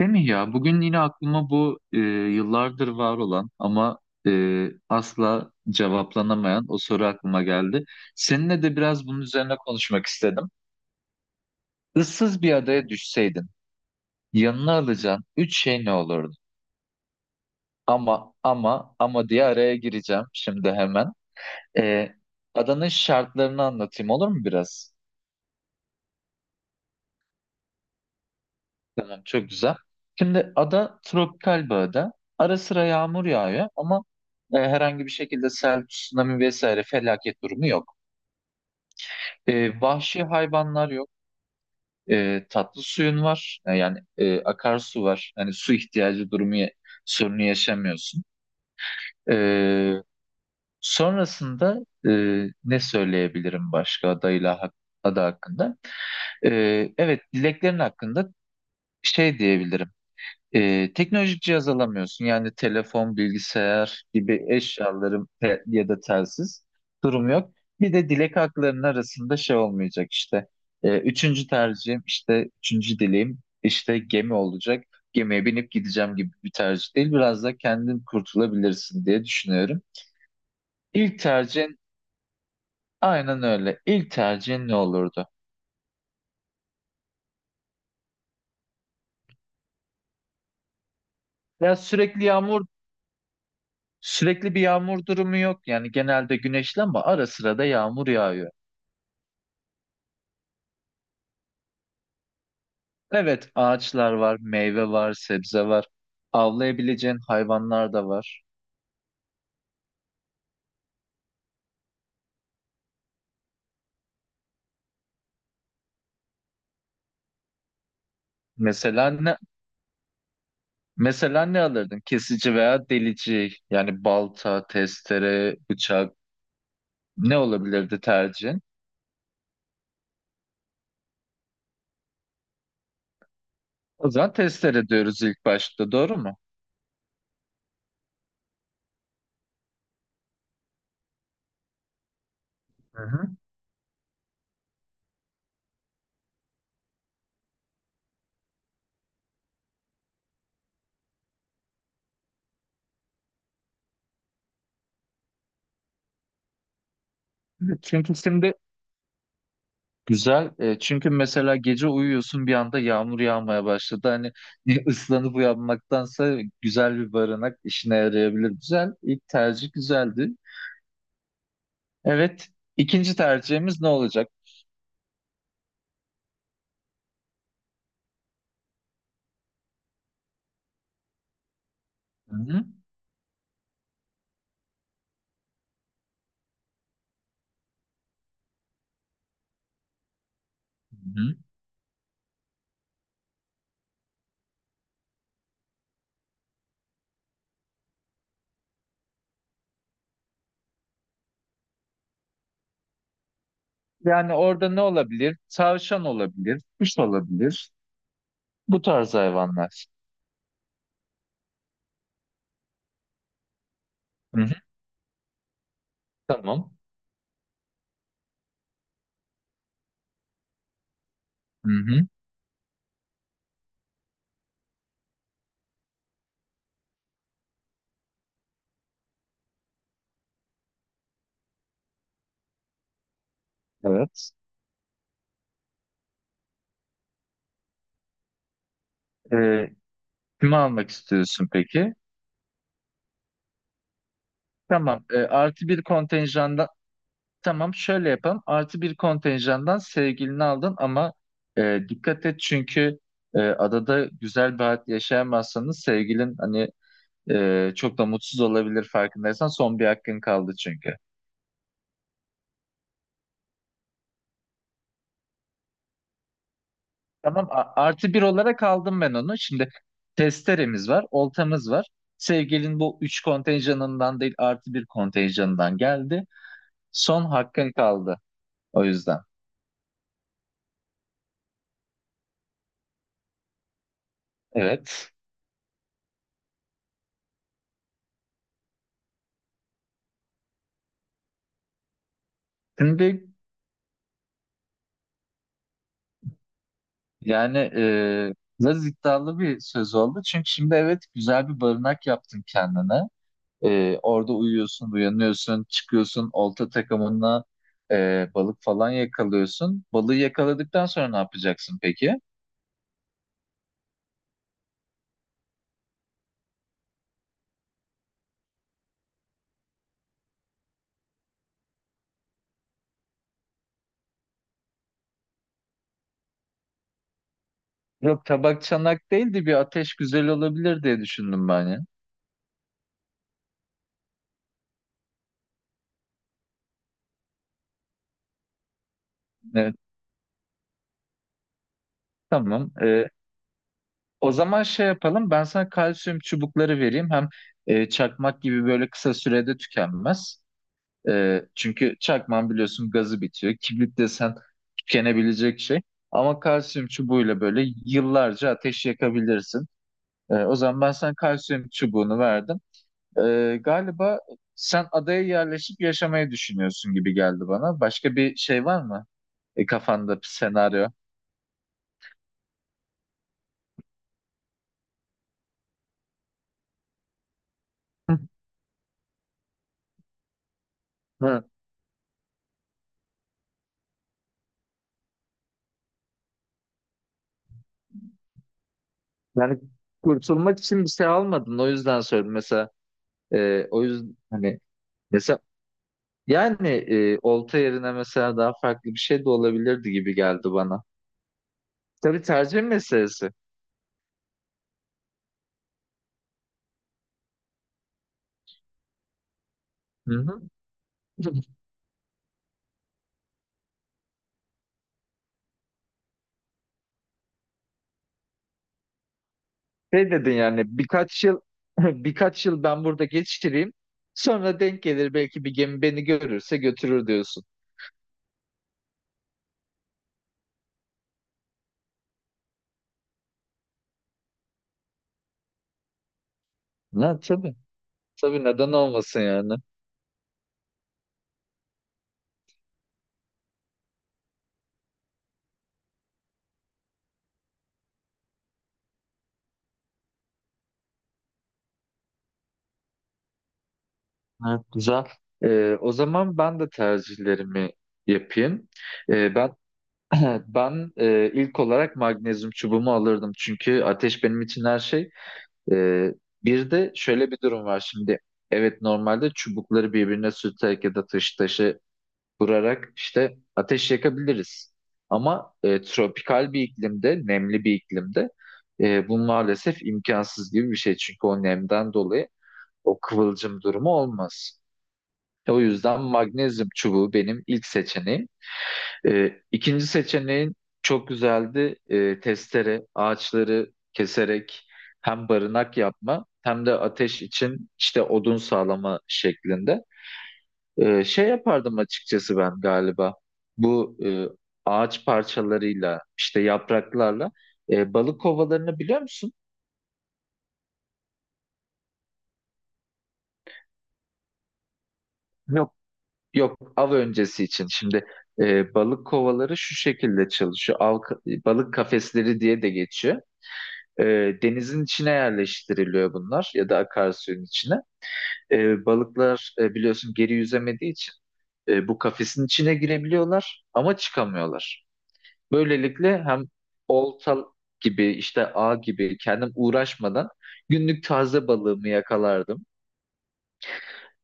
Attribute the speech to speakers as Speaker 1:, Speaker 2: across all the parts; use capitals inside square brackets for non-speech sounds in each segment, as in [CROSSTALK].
Speaker 1: Değil mi ya? Bugün yine aklıma bu yıllardır var olan ama asla cevaplanamayan o soru aklıma geldi. Seninle de biraz bunun üzerine konuşmak istedim. Issız bir adaya düşseydin, yanına alacağın üç şey ne olurdu? Ama diye araya gireceğim şimdi hemen. E, Adanın şartlarını anlatayım olur mu biraz? Tamam, çok güzel. Şimdi ada tropikal bir ada. Ara sıra yağmur yağıyor ama herhangi bir şekilde sel, tsunami vesaire felaket durumu yok. Vahşi hayvanlar yok. Tatlı suyun var. Yani akarsu var. Hani su ihtiyacı durumu sorunu yaşamıyorsun. E, Sonrasında e, ne söyleyebilirim başka ada hakkında? E, evet, dileklerin hakkında şey diyebilirim. Teknolojik cihaz alamıyorsun. Yani telefon, bilgisayar gibi eşyaların ya da telsiz durum yok. Bir de dilek haklarının arasında şey olmayacak işte. Üçüncü tercihim işte üçüncü dileğim işte gemi olacak. Gemiye binip gideceğim gibi bir tercih değil. Biraz da kendin kurtulabilirsin diye düşünüyorum. İlk tercihin aynen öyle. İlk tercihin ne olurdu? Ya sürekli yağmur, sürekli bir yağmur durumu yok. Yani genelde güneşli ama ara sıra da yağmur yağıyor. Evet, ağaçlar var, meyve var, sebze var. Avlayabileceğin hayvanlar da var. Mesela ne mesela ne alırdın? Kesici veya delici. Yani balta, testere, bıçak ne olabilirdi tercihin? O zaman testere diyoruz ilk başta, doğru mu? Hı hı. Evet, çünkü şimdi güzel. Çünkü mesela gece uyuyorsun, bir anda yağmur yağmaya başladı. Hani [LAUGHS] ıslanıp uyanmaktansa güzel bir barınak işine yarayabilir. Güzel. İlk tercih güzeldi. Evet. İkinci tercihimiz ne olacak? Hı hı. Hı hı. Yani orada ne olabilir? Tavşan olabilir, kuş olabilir. Bu tarz hayvanlar. Hı hı. Tamam. Hı hı. Evet. Ee, Kimi almak istiyorsun peki? Tamam. Artı bir kontenjandan Tamam, şöyle yapalım. Artı bir kontenjandan sevgilini aldın ama dikkat et, çünkü adada güzel bir hayat yaşayamazsanız sevgilin hani çok da mutsuz olabilir, farkındaysan son bir hakkın kaldı çünkü. Tamam, artı bir olarak aldım ben onu. Şimdi testeremiz var, oltamız var. Sevgilin bu üç kontenjanından değil artı bir kontenjanından geldi. Son hakkın kaldı o yüzden. Evet. Şimdi yani biraz iddialı bir söz oldu. Çünkü şimdi evet, güzel bir barınak yaptın kendine. Orada uyuyorsun, uyanıyorsun, çıkıyorsun, olta takımına balık falan yakalıyorsun. Balığı yakaladıktan sonra ne yapacaksın peki? Yok, tabak çanak değildi, bir ateş güzel olabilir diye düşündüm ben ya. Evet, tamam. O zaman şey yapalım, ben sana kalsiyum çubukları vereyim. Hem çakmak gibi böyle kısa sürede tükenmez. Çünkü çakman biliyorsun gazı bitiyor. Kibrit desen tükenebilecek şey. Ama kalsiyum çubuğuyla böyle yıllarca ateş yakabilirsin. O zaman ben sana kalsiyum çubuğunu verdim. Galiba sen adaya yerleşip yaşamayı düşünüyorsun gibi geldi bana. Başka bir şey var mı? Kafanda bir senaryo. Hı. Hı. Yani kurtulmak için bir şey almadın. O yüzden söyledim. Mesela o yüzden hani mesela yani olta yerine mesela daha farklı bir şey de olabilirdi gibi geldi bana. Tabii tercih meselesi. Hı hı. [LAUGHS] Şey dedin yani birkaç yıl [LAUGHS] birkaç yıl ben burada geçireyim. Sonra denk gelir belki, bir gemi beni görürse götürür diyorsun. Ha, tabii. Tabii, neden olmasın yani. Evet, güzel. O zaman ben de tercihlerimi yapayım. Ben [CLEARS THROAT] ilk olarak magnezyum çubuğumu alırdım çünkü ateş benim için her şey. Ee, Bir de şöyle bir durum var şimdi. Evet, normalde çubukları birbirine sürterek ya da taşı vurarak işte ateş yakabiliriz. Ama tropikal bir iklimde, nemli bir iklimde bu maalesef imkansız gibi bir şey. Çünkü o nemden dolayı o kıvılcım durumu olmaz. O yüzden magnezyum çubuğu benim ilk seçeneğim. İkinci seçeneğin çok güzeldi. Testere, ağaçları keserek hem barınak yapma hem de ateş için işte odun sağlama şeklinde. Şey yapardım açıkçası ben galiba. Bu ağaç parçalarıyla işte yapraklarla balık kovalarını biliyor musun? Yok, av öncesi için. Şimdi balık kovaları şu şekilde çalışıyor. Av, balık kafesleri diye de geçiyor. E, Denizin içine yerleştiriliyor bunlar ya da akarsuyun içine. Balıklar biliyorsun geri yüzemediği için bu kafesin içine girebiliyorlar ama çıkamıyorlar. Böylelikle hem olta gibi işte ağ gibi kendim uğraşmadan günlük taze balığımı yakalardım.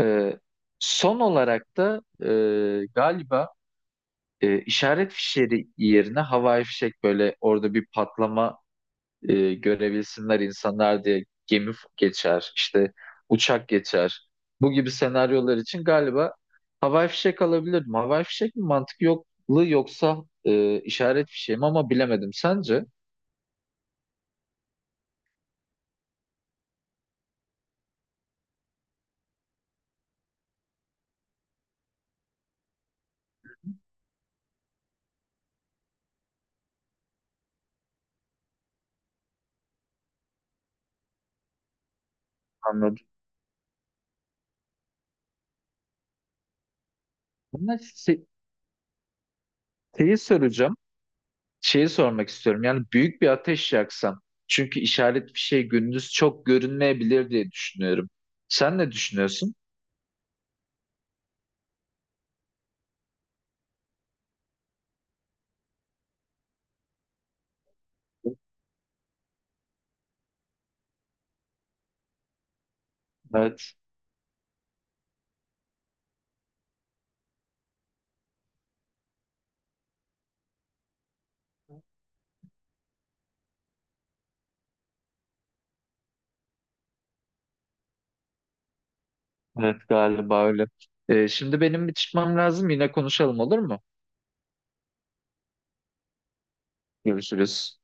Speaker 1: E, Son olarak da galiba işaret fişleri yerine havai fişek, böyle orada bir patlama görebilsinler insanlar diye, geçer, işte uçak geçer. Bu gibi senaryolar için galiba havai fişek alabilirdim. Havai fişek mi mantık yokluğu, yoksa işaret fişeği mi, ama bilemedim. Sence? Anladım. Bunlar se- Şeyi soracağım. Şeyi sormak istiyorum. Yani büyük bir ateş yaksam. Çünkü işaret fişeği gündüz çok görünmeyebilir diye düşünüyorum. Sen ne düşünüyorsun? Evet. Evet, galiba öyle. Şimdi benim bir çıkmam lazım. Yine konuşalım, olur mu? Görüşürüz.